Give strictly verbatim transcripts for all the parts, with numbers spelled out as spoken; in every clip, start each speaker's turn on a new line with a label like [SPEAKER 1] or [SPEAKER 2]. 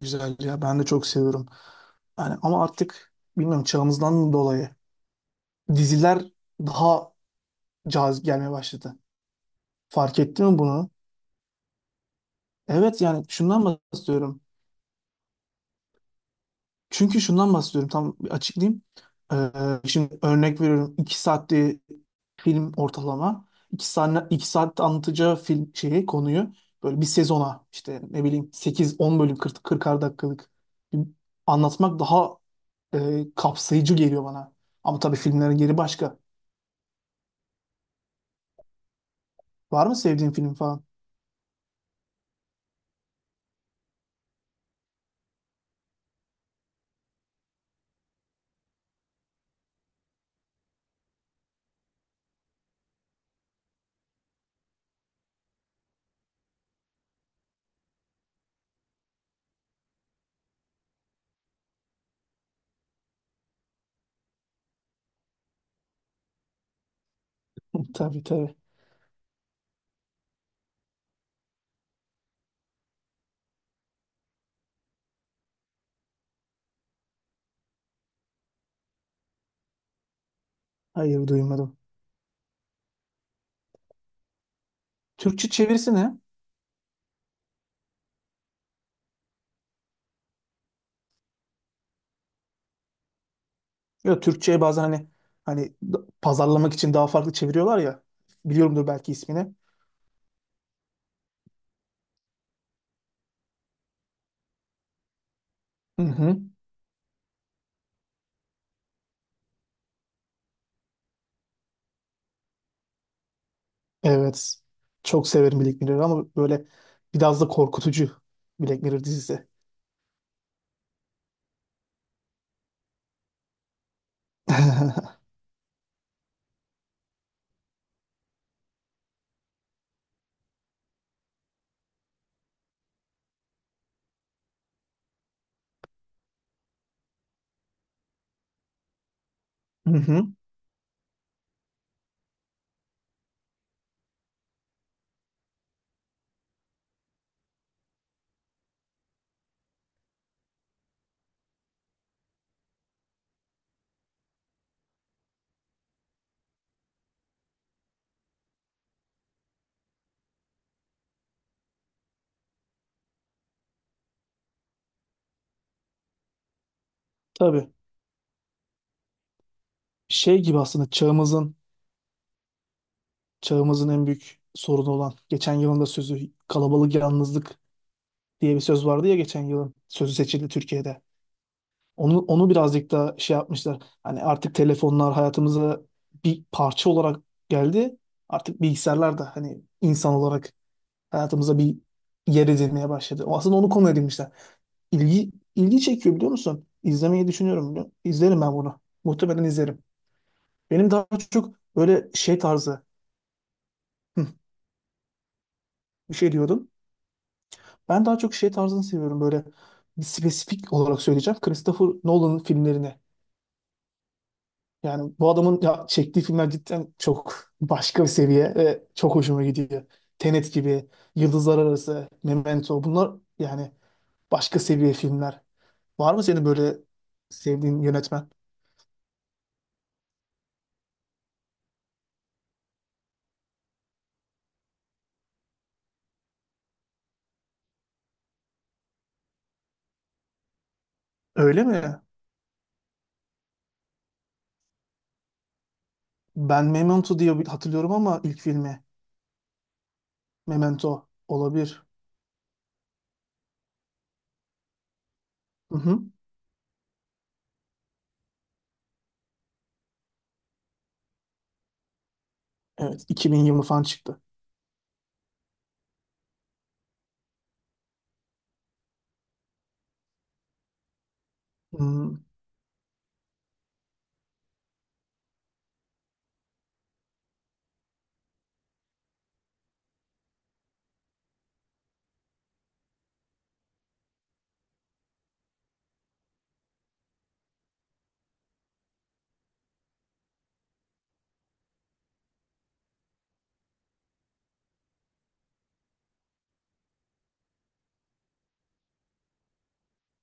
[SPEAKER 1] Güzel ya, ben de çok seviyorum. Yani ama artık bilmiyorum, çağımızdan dolayı diziler daha cazip gelmeye başladı. Fark ettin mi bunu? Evet, yani şundan bahsediyorum. Çünkü şundan bahsediyorum, tam bir açıklayayım. Ee, şimdi örnek veriyorum, iki saatte film ortalama. İki saat, iki saat anlatacağı film şeyi, konuyu böyle bir sezona, işte ne bileyim, sekiz on bölüm, kırk kırkar dakikalık bir anlatmak daha e, kapsayıcı geliyor bana. Ama tabii filmlerin yeri başka. Var mı sevdiğin film falan? Tabii, tabii. Hayır, duymadım. Türkçe çevirisi ne? Ya Türkçe'ye bazen hani hani da- pazarlamak için daha farklı çeviriyorlar ya. Biliyorumdur belki ismini. Hı hı. Evet. Çok severim Black Mirror'ı ama böyle biraz da korkutucu Black Mirror dizisi. Hı hı. Tabii. Şey gibi aslında çağımızın çağımızın en büyük sorunu olan, geçen yılın da sözü, kalabalık yalnızlık diye bir söz vardı ya, geçen yılın sözü seçildi Türkiye'de. Onu onu birazcık da şey yapmışlar. Hani artık telefonlar hayatımıza bir parça olarak geldi. Artık bilgisayarlar da hani insan olarak hayatımıza bir yer edinmeye başladı. O aslında onu konu edinmişler. İlgi ilgi çekiyor biliyor musun? İzlemeyi düşünüyorum biliyor musun? İzlerim ben bunu. Muhtemelen izlerim. Benim daha çok böyle şey tarzı. Hı, bir şey diyordun. Ben daha çok şey tarzını seviyorum, böyle bir spesifik olarak söyleyeceğim. Christopher Nolan'ın filmlerini. Yani bu adamın ya, çektiği filmler cidden çok başka bir seviye ve çok hoşuma gidiyor. Tenet gibi, Yıldızlar Arası, Memento, bunlar yani başka seviye filmler. Var mı senin böyle sevdiğin yönetmen? Öyle mi? Ben Memento diye bir- hatırlıyorum ama ilk filmi Memento olabilir. Hı hı. Evet, iki bin yirmi falan çıktı. Hmm,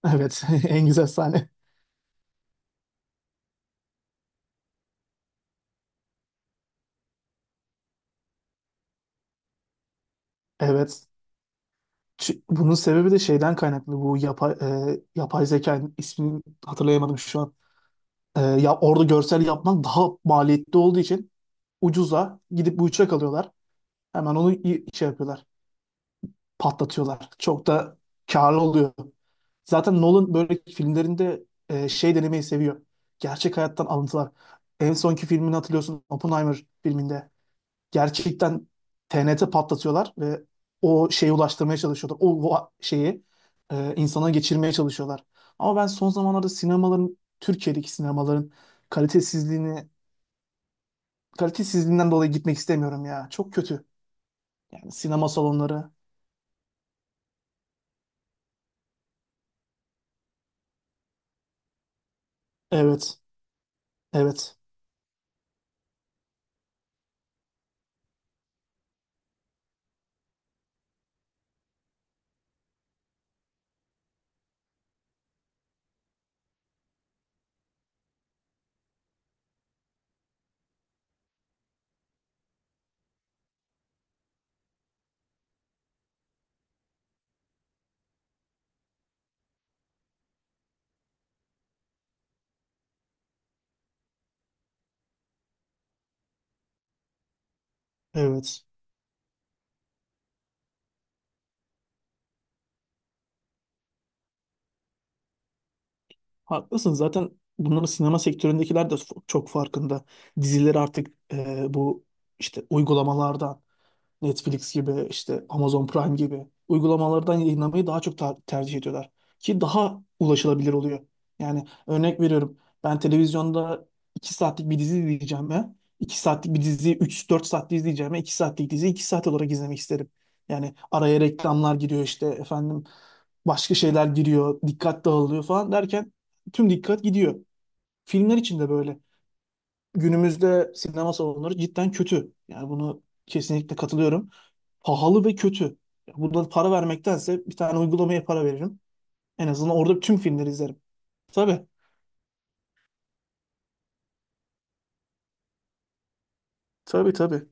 [SPEAKER 1] evet. En güzel sahne. Evet. Ç- Bunun sebebi de şeyden kaynaklı. Bu yapay, e, yapay zeka ismini hatırlayamadım şu an. E, ya orada görsel yapmak daha maliyetli olduğu için ucuza gidip bu uçak alıyorlar. Hemen onu i- şey yapıyorlar. Patlatıyorlar. Çok da karlı oluyor. Zaten Nolan böyle filmlerinde e, şey denemeyi seviyor. Gerçek hayattan alıntılar. En sonki filmini hatırlıyorsun. Oppenheimer filminde gerçekten T N T patlatıyorlar ve o şeyi ulaştırmaya çalışıyorlar. O, o şeyi e, insana geçirmeye çalışıyorlar. Ama ben son zamanlarda sinemaların, Türkiye'deki sinemaların kalitesizliğini, kalitesizliğinden dolayı gitmek istemiyorum ya. Çok kötü. Yani sinema salonları. Evet, evet, evet. Haklısın, zaten bunların, sinema sektöründekiler de f- çok farkında. Dizileri artık e, bu işte uygulamalardan, Netflix gibi, işte Amazon Prime gibi uygulamalardan yayınlamayı daha çok ta- tercih ediyorlar. Ki daha ulaşılabilir oluyor. Yani örnek veriyorum, ben televizyonda iki saatlik bir dizi izleyeceğime, iki saatlik bir diziyi üç, dört saatte izleyeceğime, iki saatlik diziyi iki saat olarak izlemek isterim. Yani araya reklamlar giriyor, işte efendim başka şeyler giriyor, dikkat dağılıyor falan derken tüm dikkat gidiyor. Filmler için de böyle. Günümüzde sinema salonları cidden kötü. Yani bunu kesinlikle katılıyorum, pahalı ve kötü. Bundan para vermektense bir tane uygulamaya para veririm. En azından orada tüm filmleri izlerim. Tabii. Tabii, tabii.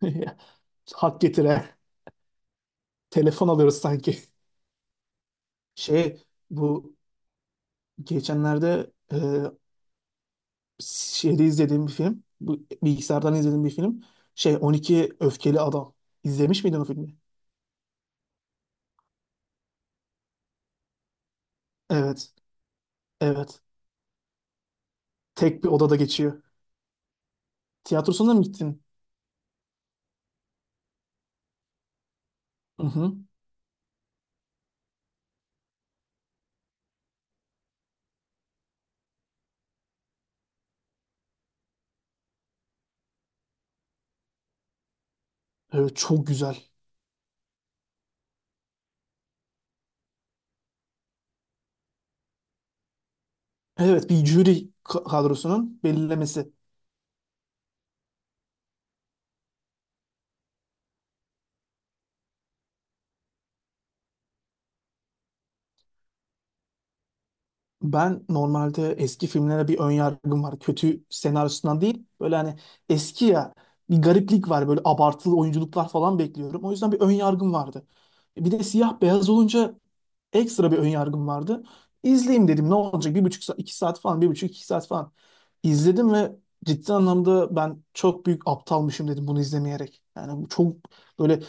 [SPEAKER 1] Hak getire. Telefon alıyoruz sanki. Şey, bu geçenlerde, e, şeyde izlediğim bir film. Bu bilgisayardan izlediğim bir film. Şey, on iki Öfkeli Adam. İzlemiş miydin o filmi? Evet. Evet. Tek bir odada geçiyor. Tiyatrosuna mı gittin? Hı hı. Evet, çok güzel. Evet, bir jüri ka- kadrosunun belirlemesi. Ben normalde eski filmlere bir ön yargım var. Kötü senaryosundan değil. Böyle hani eski ya, bir gariplik var. Böyle abartılı oyunculuklar falan bekliyorum. O yüzden bir ön yargım vardı. Bir de siyah beyaz olunca ekstra bir ön yargım vardı. İzleyeyim dedim, ne olacak, bir buçuk saat, iki saat falan, bir buçuk iki saat falan. İzledim ve ciddi anlamda ben çok büyük aptalmışım dedim bunu izlemeyerek. Yani bu çok böyle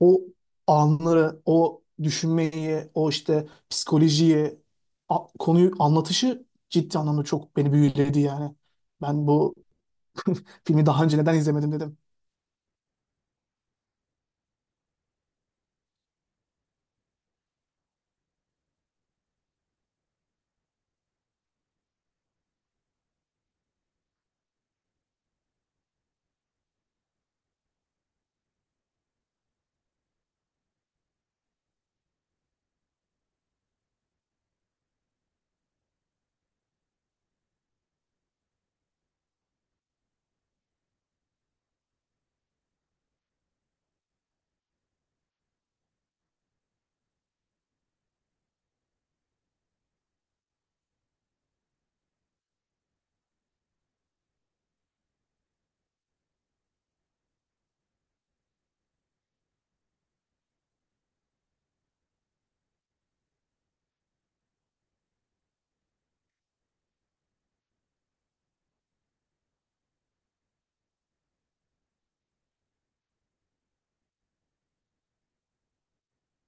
[SPEAKER 1] o anları, o düşünmeyi, o işte psikolojiyi, a- konuyu anlatışı ciddi anlamda çok beni büyüledi yani. Ben bu filmi daha önce neden izlemedim dedim.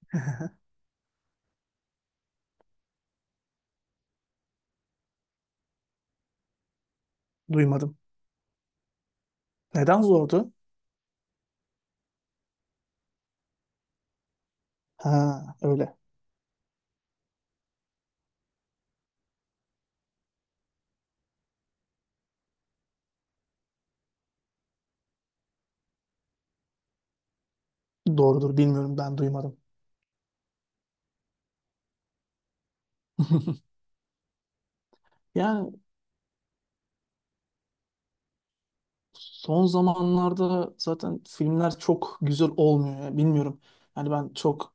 [SPEAKER 1] Duymadım. Neden zordu? Ha, öyle. Doğrudur, bilmiyorum, ben duymadım. Yani son zamanlarda zaten filmler çok güzel olmuyor ya, bilmiyorum. Yani ben çok,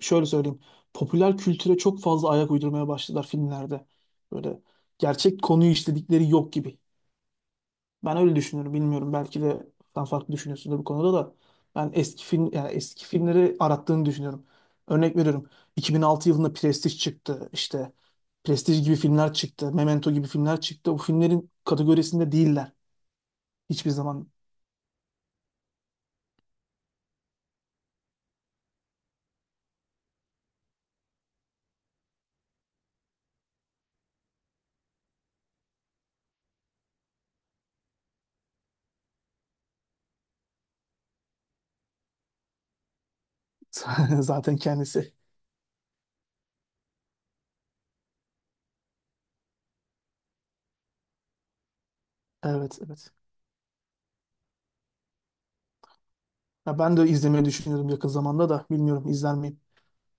[SPEAKER 1] şöyle söyleyeyim. Popüler kültüre çok fazla ayak uydurmaya başladılar filmlerde. Böyle gerçek konuyu işledikleri yok gibi. Ben öyle düşünüyorum. Bilmiyorum, belki de sen farklı düşünüyorsun da bu konuda da. Ben eski film, yani eski filmleri arattığını düşünüyorum. Örnek veriyorum. iki bin altı yılında Prestige çıktı. İşte Prestige gibi filmler çıktı, Memento gibi filmler çıktı. Bu filmlerin kategorisinde değiller hiçbir zaman. Zaten kendisi. Evet, evet. Ya ben de izlemeyi düşünüyorum yakın zamanda, da bilmiyorum izler miyim.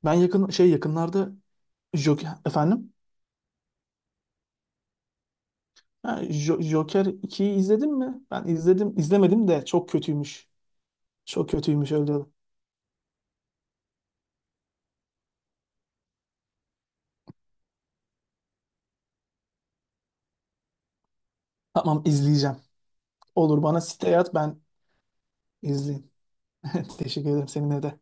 [SPEAKER 1] Ben yakın şey, yakınlarda Joker, efendim ha, Jo- Joker ikiyi izledin mi? Ben izledim, izlemedim de çok kötüymüş. Çok kötüymüş, öyle diyorlar. Tamam, izleyeceğim. Olur, bana siteye at, ben izleyeyim. Teşekkür ederim, seninle de.